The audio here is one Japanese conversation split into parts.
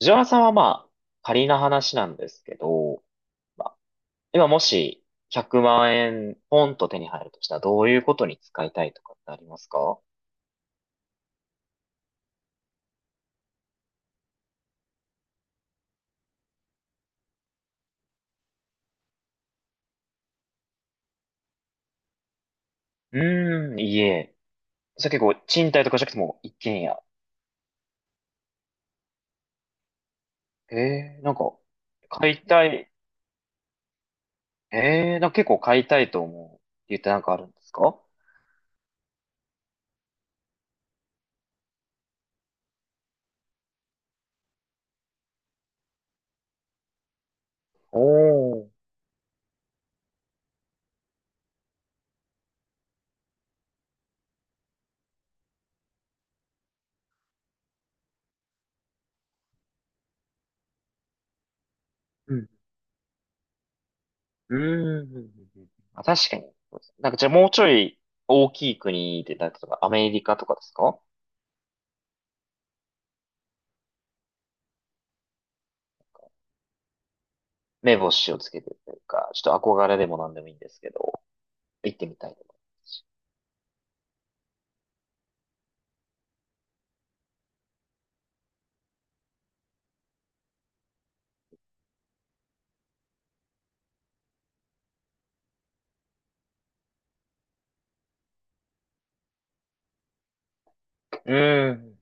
藤原さんはまあ、仮な話なんですけど、まあ、今もし100万円ポンと手に入るとしたらどういうことに使いたいとかってありますか？うーん、家。それ結構賃貸とかじゃなくても一軒家。なんか、買いたい。なんか結構買いたいと思うって言ってなんかあるんですか？おー。うん。うーん。うんうんうん。あ、確かに。なんかじゃあもうちょい大きい国で、なんか例えばアメリカとかですか？目星をつけてるというか、ちょっと憧れでも何でもいいんですけど、行ってみたいと思いますし。うん。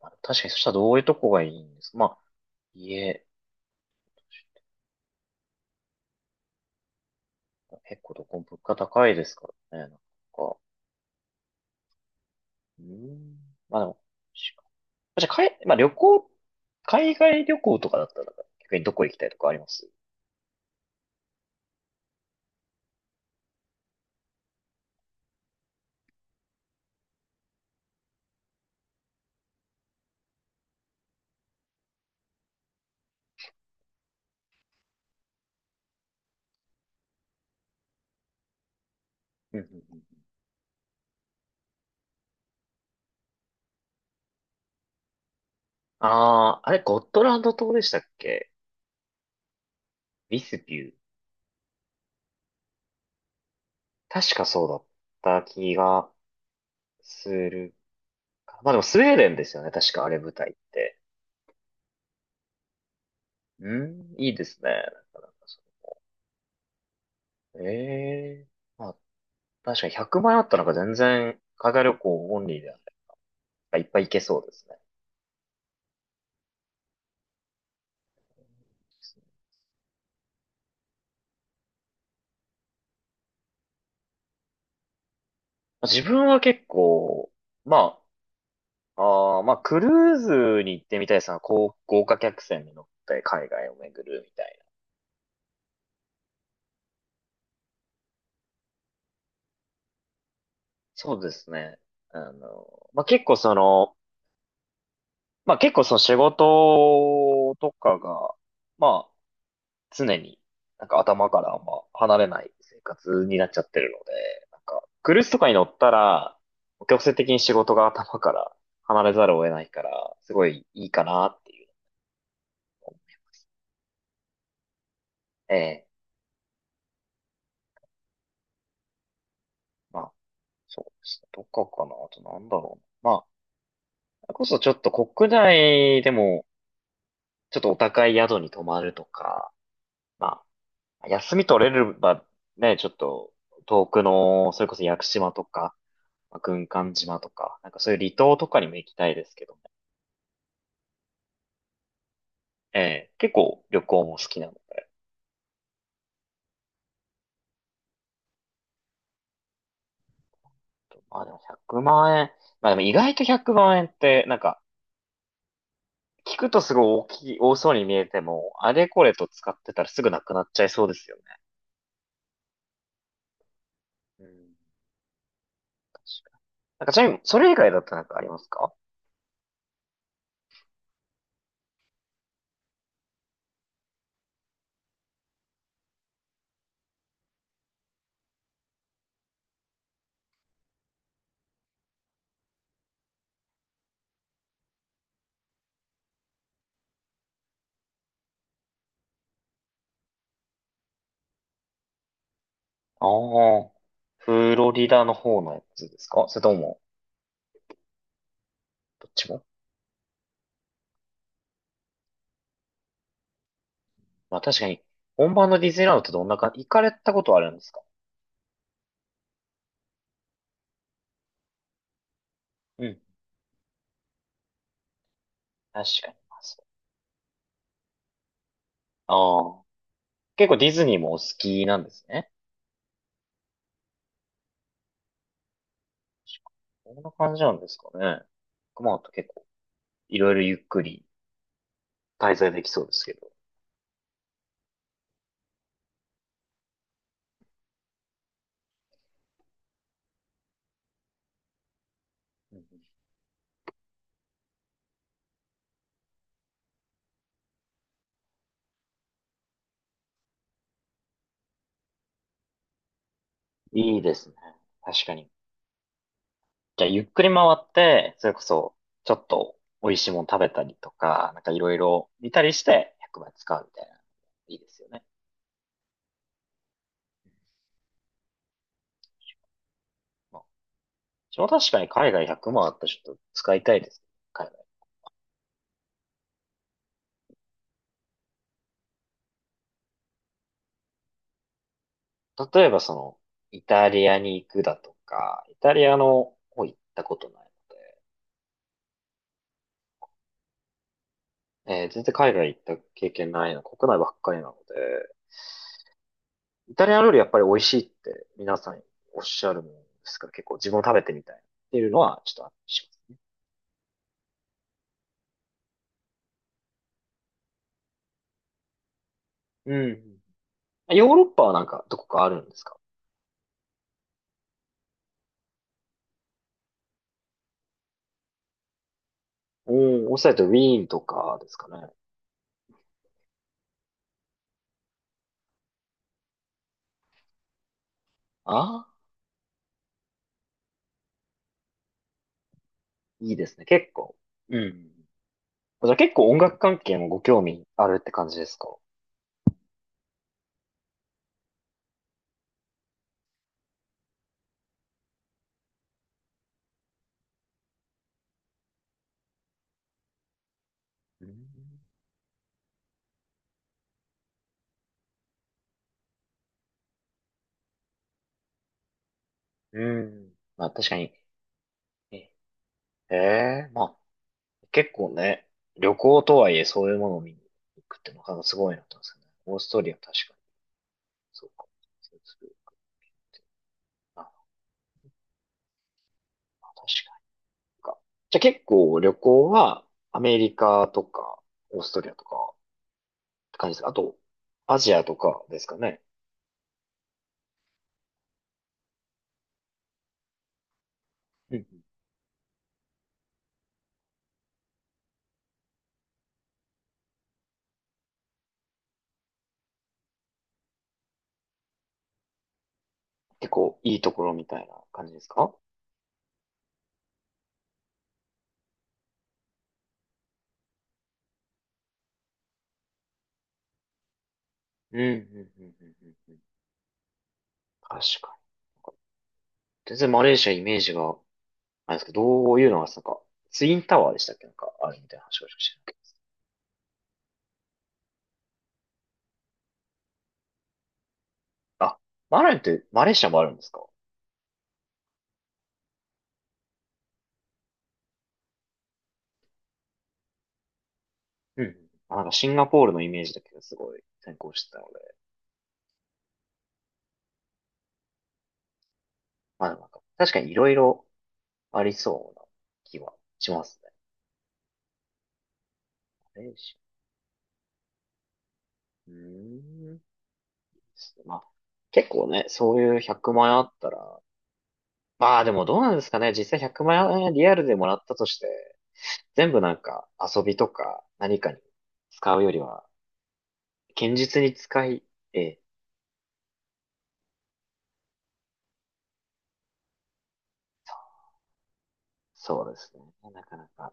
まあ確かに、そしたらどういうとこがいいんですか？まあ、家、結構どこも物価高いですからね、なんか。うん。まあでも、しじゃあ、まあ旅行、海外旅行とかだったら、逆にどこ行きたいとかあります？うんうんうん。ああ、あれ、ゴットランド島でしたっけ？ビスビュー。確かそうだった気がするか。まあでもスウェーデンですよね。確かあれ舞台って。うん、いいですね。なかなかそれまあ、確かに100万円あったらなんか全然、海外旅行オンリーでなんかいっぱい行けそうですね。自分は結構、まあ、まあ、クルーズに行ってみたいですね。こう豪華客船に乗って海外を巡るみたいな。そうですね。あの、まあ、結構その、まあ、結構その仕事とかが、まあ、常に、なんか頭からあんま離れない生活になっちゃってるので、なんか、クルーズとかに乗ったら、強制的に仕事が頭から離れざるを得ないから、すごいいいかなっていうのも。ええ、まあ、そうですね。どっかかなあとなんだろうな。まあ、それこそちょっと国内でも、ちょっとお高い宿に泊まるとか、まあ、休み取れればね、ちょっと遠くの、それこそ屋久島とか、まあ軍艦島とか、なんかそういう離島とかにも行きたいですけど。ええ、結構旅行も好きなので、まあでも100万円。まあでも意外と100万円って、なんか、聞くとすごい大きい、多そうに見えても、あれこれと使ってたらすぐなくなっちゃいそうですよね。うん、確かに。なんかちなみに、それ以外だとなんかありますか？ああ、フロリダの方のやつですか？それとも、どっちも？まあ確かに、本場のディズニーランドってどんなか、行かれたことはあるんですか？うん。確かに。まあそう。ああ、結構ディズニーもお好きなんですね。こんな感じなんですかね。熊本結構、いろいろゆっくり滞在できそうですけど。うんうん。いいですね。確かに。じゃあ、ゆっくり回って、それこそ、ちょっと美味しいもの食べたりとか、なんかいろいろ見たりして、100万使うみたいな。いいですよね。まあ、私も確かに海外100万あったらちょっと使いたいですね。海外。例えばその、イタリアに行くだとか、イタリアの方行ったことないので、全然海外行った経験ないな、国内ばっかりなので、イタリア料理やっぱり美味しいって皆さんおっしゃるもんですから、結構自分も食べてみたいっていうのはちょっとあったりします。うん。ヨーロッパはなんかどこかあるんですか？おー、おっしゃるとウィーンとかですかね。ああ、いいですね、結構。うん。じゃあ結構音楽関係もご興味あるって感じですか？うん。うんまあ確かに。ええーまあ結構ね、旅行とはいえそういうものを見に行くってなかなかすごいなと思うんですよね。オーストリア確かに。そうか。そうするあ、確かにか。じゃあ結構旅行はアメリカとかオーストリアとかって感じですか？あと、アジアとかですかね。うんうん。結構いいところみたいな感じですか？うんうんうんうんうんうん。確かに。全然マレーシアイメージが、あれですけど、どういうのが、なんか、ツインタワーでしたっけ？なんか、あるみたいな話をしてた。あ、マレーって、マレーシアもあるんですか？うんうん。あ、なんかシンガポールのイメージだけどすごい先行してたので。まあ、なんか確かにいろいろありそうな気はしますね。マレーシア、うーん。まあ、結構ね、そういう100万円あったら、まあでもどうなんですかね。実際100万円リアルでもらったとして、全部なんか遊びとか何かに使うよりは、堅実に使い、ええ、そうですね。なかなか。